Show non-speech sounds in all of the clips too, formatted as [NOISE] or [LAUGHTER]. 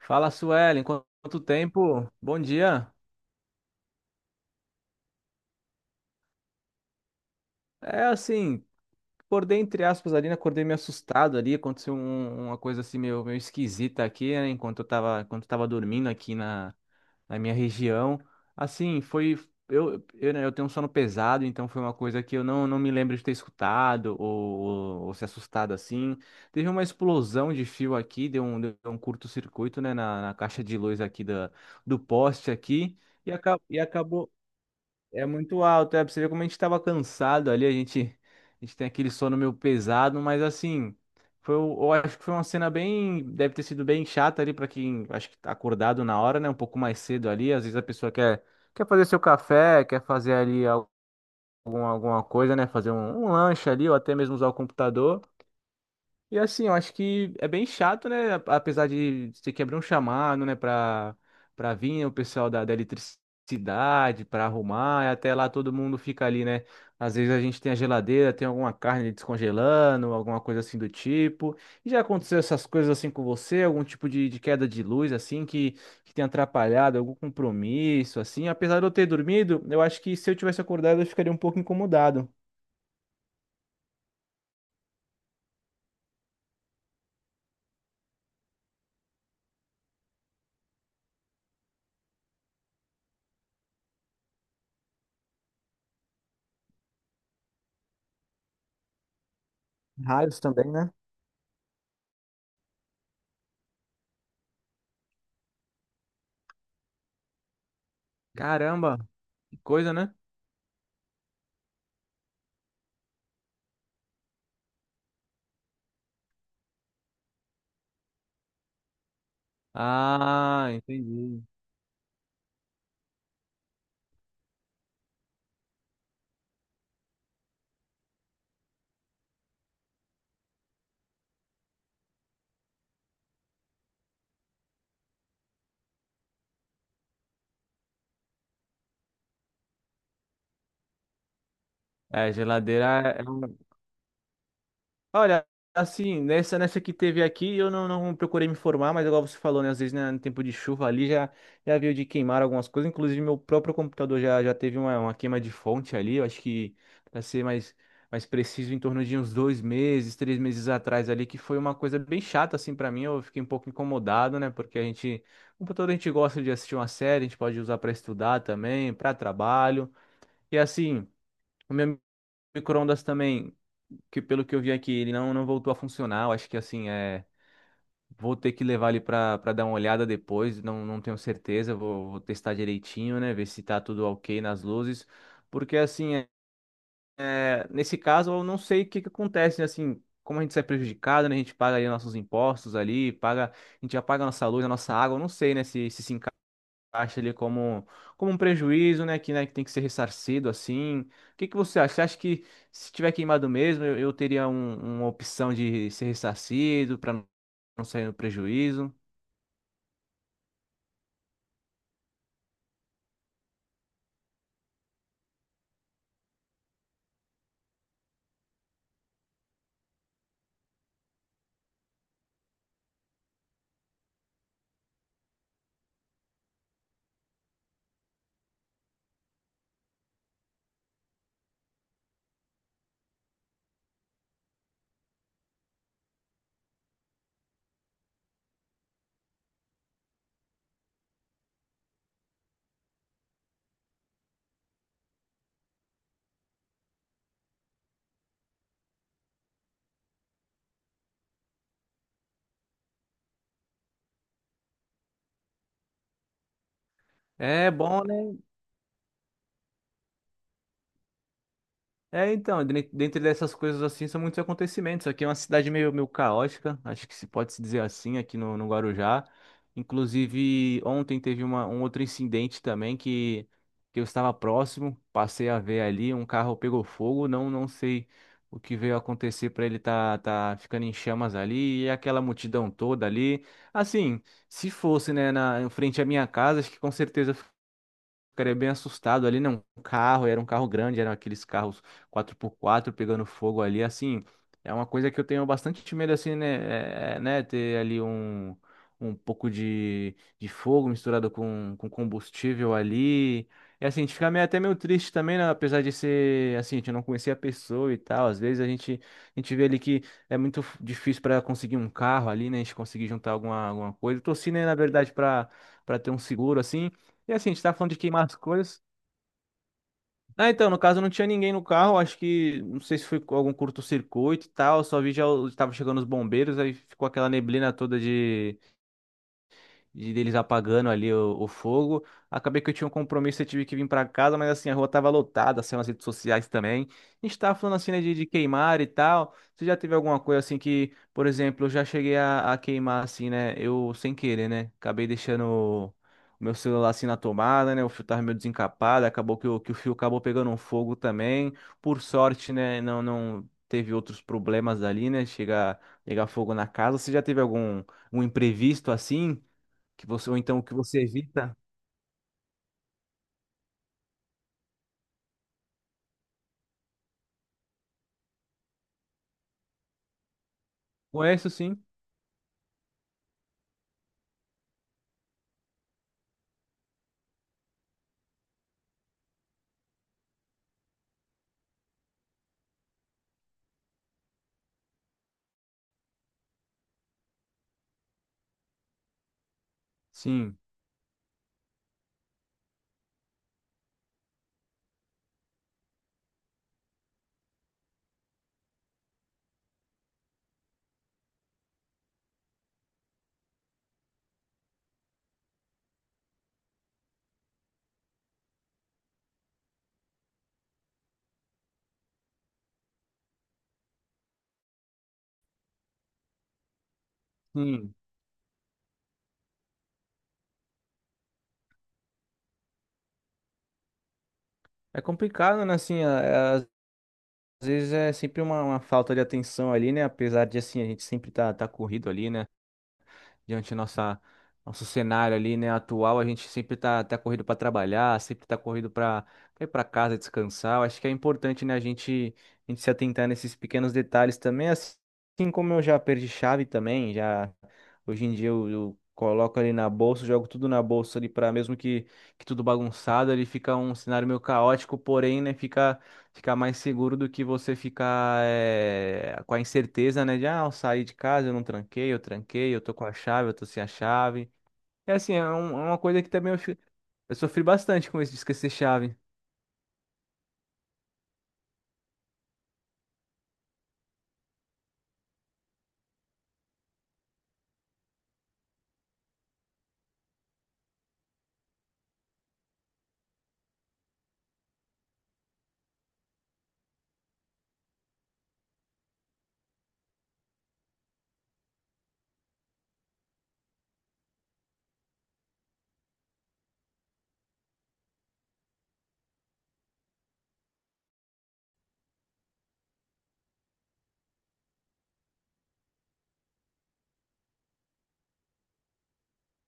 Fala, Suelen, quanto tempo? Bom dia. É assim, acordei entre aspas ali, né? Acordei meio assustado ali, aconteceu uma coisa assim meio esquisita aqui, né? Enquanto eu tava dormindo aqui na, minha região. Assim, foi eu, né, eu tenho um sono pesado, então foi uma coisa que eu não me lembro de ter escutado ou se assustado assim. Teve uma explosão de fio aqui, deu um curto-circuito, né, na caixa de luz aqui do poste aqui. E, acabou. É muito alto, é pra você ver como a gente tava cansado ali, a gente tem aquele sono meio pesado, mas assim, foi, eu acho que foi uma cena bem, deve ter sido bem chata ali pra quem, acho que tá acordado na hora, né, um pouco mais cedo ali, às vezes a pessoa quer fazer seu café, quer fazer ali alguma coisa, né, fazer um lanche ali, ou até mesmo usar o computador, e assim, eu acho que é bem chato, né? Apesar de ter que abrir um chamado, né, para vir o pessoal da eletricidade para arrumar, e até lá todo mundo fica ali, né? Às vezes a gente tem a geladeira, tem alguma carne descongelando, alguma coisa assim do tipo. E já aconteceu essas coisas assim com você? Algum tipo de queda de luz, assim, que tem atrapalhado algum compromisso, assim? Apesar de eu ter dormido, eu acho que se eu tivesse acordado, eu ficaria um pouco incomodado. Raios também, né? Caramba, que coisa, né? Ah, entendi. É, geladeira é um. Olha, assim, nessa que teve aqui, eu não procurei me informar, mas igual você falou, né? Às vezes, né, no tempo de chuva ali já veio de queimar algumas coisas. Inclusive, meu próprio computador já teve uma queima de fonte ali. Eu acho que, pra ser mais preciso, em torno de uns 2 meses, 3 meses atrás ali, que foi uma coisa bem chata, assim, pra mim. Eu fiquei um pouco incomodado, né? Porque a gente, computador, a gente gosta de assistir uma série, a gente pode usar pra estudar também, pra trabalho. E assim. O meu micro-ondas também, que pelo que eu vi aqui, ele não voltou a funcionar. Eu acho que assim, é. Vou ter que levar ele para dar uma olhada depois, não tenho certeza. Vou testar direitinho, né? Ver se tá tudo ok nas luzes. Porque assim, é, nesse caso, eu não sei o que que acontece, né? Assim, como a gente sai prejudicado, né? A gente paga ali nossos impostos ali, paga, a gente já paga a nossa luz, a nossa água, eu não sei, né? Se se acha ele como um prejuízo, né? Que, né, que tem que ser ressarcido assim. O que que você acha? Você acha que se tiver queimado mesmo, eu teria uma opção de ser ressarcido para não sair no prejuízo? É bom, né? É, então, dentre dessas coisas assim, são muitos acontecimentos. Aqui é uma cidade meio caótica, acho que se pode se dizer assim, aqui no Guarujá. Inclusive, ontem teve um outro incidente também que eu estava próximo, passei a ver ali, um carro pegou fogo, não sei o que veio acontecer para ele tá ficando em chamas ali, e aquela multidão toda ali. Assim, se fosse, né, em frente à minha casa, acho que com certeza ficaria bem assustado ali, né? Um carro, era um carro grande, eram aqueles carros 4x4 pegando fogo ali, assim, é uma coisa que eu tenho bastante medo, assim, né? É, né? Ter ali um pouco de fogo misturado com combustível ali. E assim, a gente fica meio, até meio triste também, né? Apesar de ser, assim, a gente não conhecer a pessoa e tal. Às vezes a gente vê ali que é muito difícil para conseguir um carro ali, né? A gente conseguir juntar alguma coisa. Eu torci, né, na verdade, para ter um seguro assim. E assim, a gente tá falando de queimar as coisas. Ah, então, no caso não tinha ninguém no carro, acho que, não sei se foi com algum curto-circuito e tal, só vi já tava chegando os bombeiros, aí ficou aquela neblina toda de deles apagando ali o fogo. Acabei que eu tinha um compromisso, eu tive que vir para casa, mas assim, a rua tava lotada, saiu nas redes sociais também. A gente tava falando assim, né, de queimar e tal. Você já teve alguma coisa assim que, por exemplo, eu já cheguei a queimar assim, né? Eu sem querer, né? Acabei deixando o meu celular assim na tomada, né? O fio tava meio desencapado, acabou que o fio acabou pegando um fogo também. Por sorte, né? Não teve outros problemas ali, né? Chegar, pegar fogo na casa. Você já teve algum um imprevisto assim? Que você ou então que você evita. Conheço sim. Sim. Sim. É complicado, né? Assim, às vezes é sempre uma falta de atenção ali, né? Apesar de assim a gente sempre tá corrido ali, né? Diante da nossa nosso cenário ali, né, atual, a gente sempre tá corrido para trabalhar, sempre tá corrido para ir para casa descansar. Eu acho que é importante, né, a gente se atentar nesses pequenos detalhes também, assim como eu já perdi chave também, já hoje em dia eu coloco ali na bolsa, jogo tudo na bolsa ali para mesmo que tudo bagunçado, ele fica um cenário meio caótico, porém, né, ficar mais seguro do que você ficar com a incerteza, né? Ah, eu saí de casa, eu não tranquei, eu tranquei, eu tô com a chave, eu tô sem a chave. É assim, é uma coisa que também eu sofri bastante com isso de esquecer chave.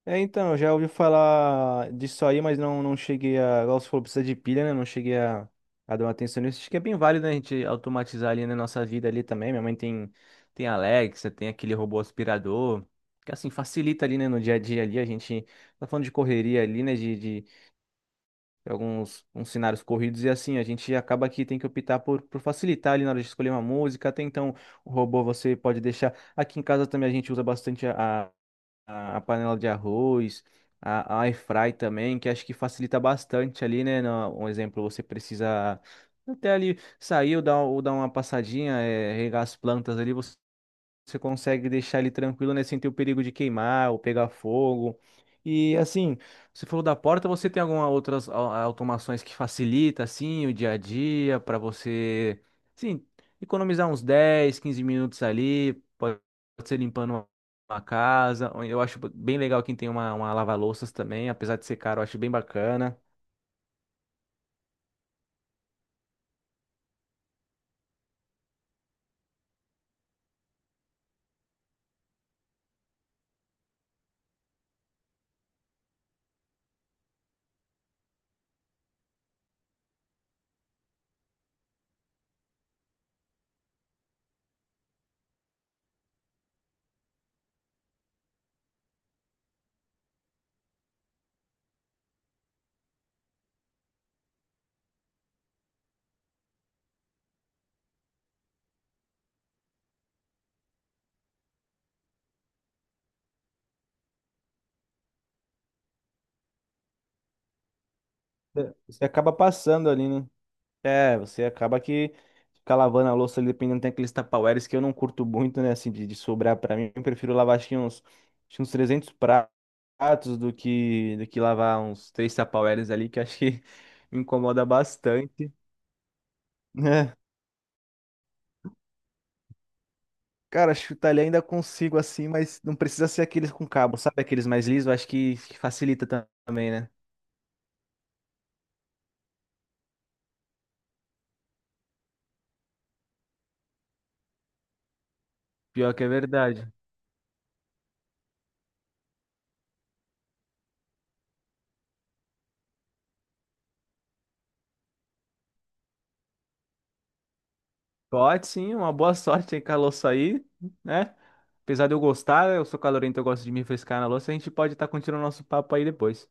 É, então, eu já ouvi falar disso aí, mas não cheguei a. Igual você falou, precisa de pilha, né? Não cheguei a dar uma atenção nisso. Acho que é bem válido, né, a gente automatizar ali na nossa vida ali também. Minha mãe tem Alexa, tem aquele robô aspirador. Que assim, facilita ali, né, no dia a dia ali. A gente tá falando de correria ali, né? De alguns uns cenários corridos e assim, a gente acaba que tem que optar por facilitar ali na hora de escolher uma música. Até então, o robô você pode deixar. Aqui em casa também a gente usa bastante a panela de arroz, a air fry também, que acho que facilita bastante ali, né? Um exemplo, você precisa até ali saiu, ou dar uma passadinha, é, regar as plantas ali, você consegue deixar ele tranquilo, né? Sem ter o perigo de queimar ou pegar fogo. E assim, você falou da porta, você tem alguma outras automações que facilita assim o dia a dia para você, sim, economizar uns 10, 15 minutos ali, pode ser limpando uma casa. Ou eu acho bem legal quem tem uma lava-louças também, apesar de ser caro, eu acho bem bacana. Você acaba passando ali, né? É, você acaba que ficar lavando a louça ali, dependendo, tem aqueles tupperwares que eu não curto muito, né, assim, de sobrar pra mim. Eu prefiro lavar, acho que uns 300 pratos do que lavar uns três tupperwares ali, que acho que [LAUGHS] me incomoda bastante, né? Cara, chutar ali ainda consigo assim, mas não precisa ser aqueles com cabo, sabe? Aqueles mais lisos, acho que facilita também, né? Pior que é verdade. Pode sim, uma boa sorte aí com a louça aí, né? Apesar de eu gostar, eu sou calorento, eu gosto de me refrescar na louça, a gente pode estar continuando nosso papo aí depois.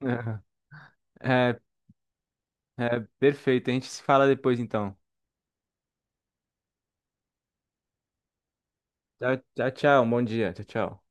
[LAUGHS] É, é, perfeito. A gente se fala depois então. Tchau, tchau, tchau. Bom dia. Tchau, tchau.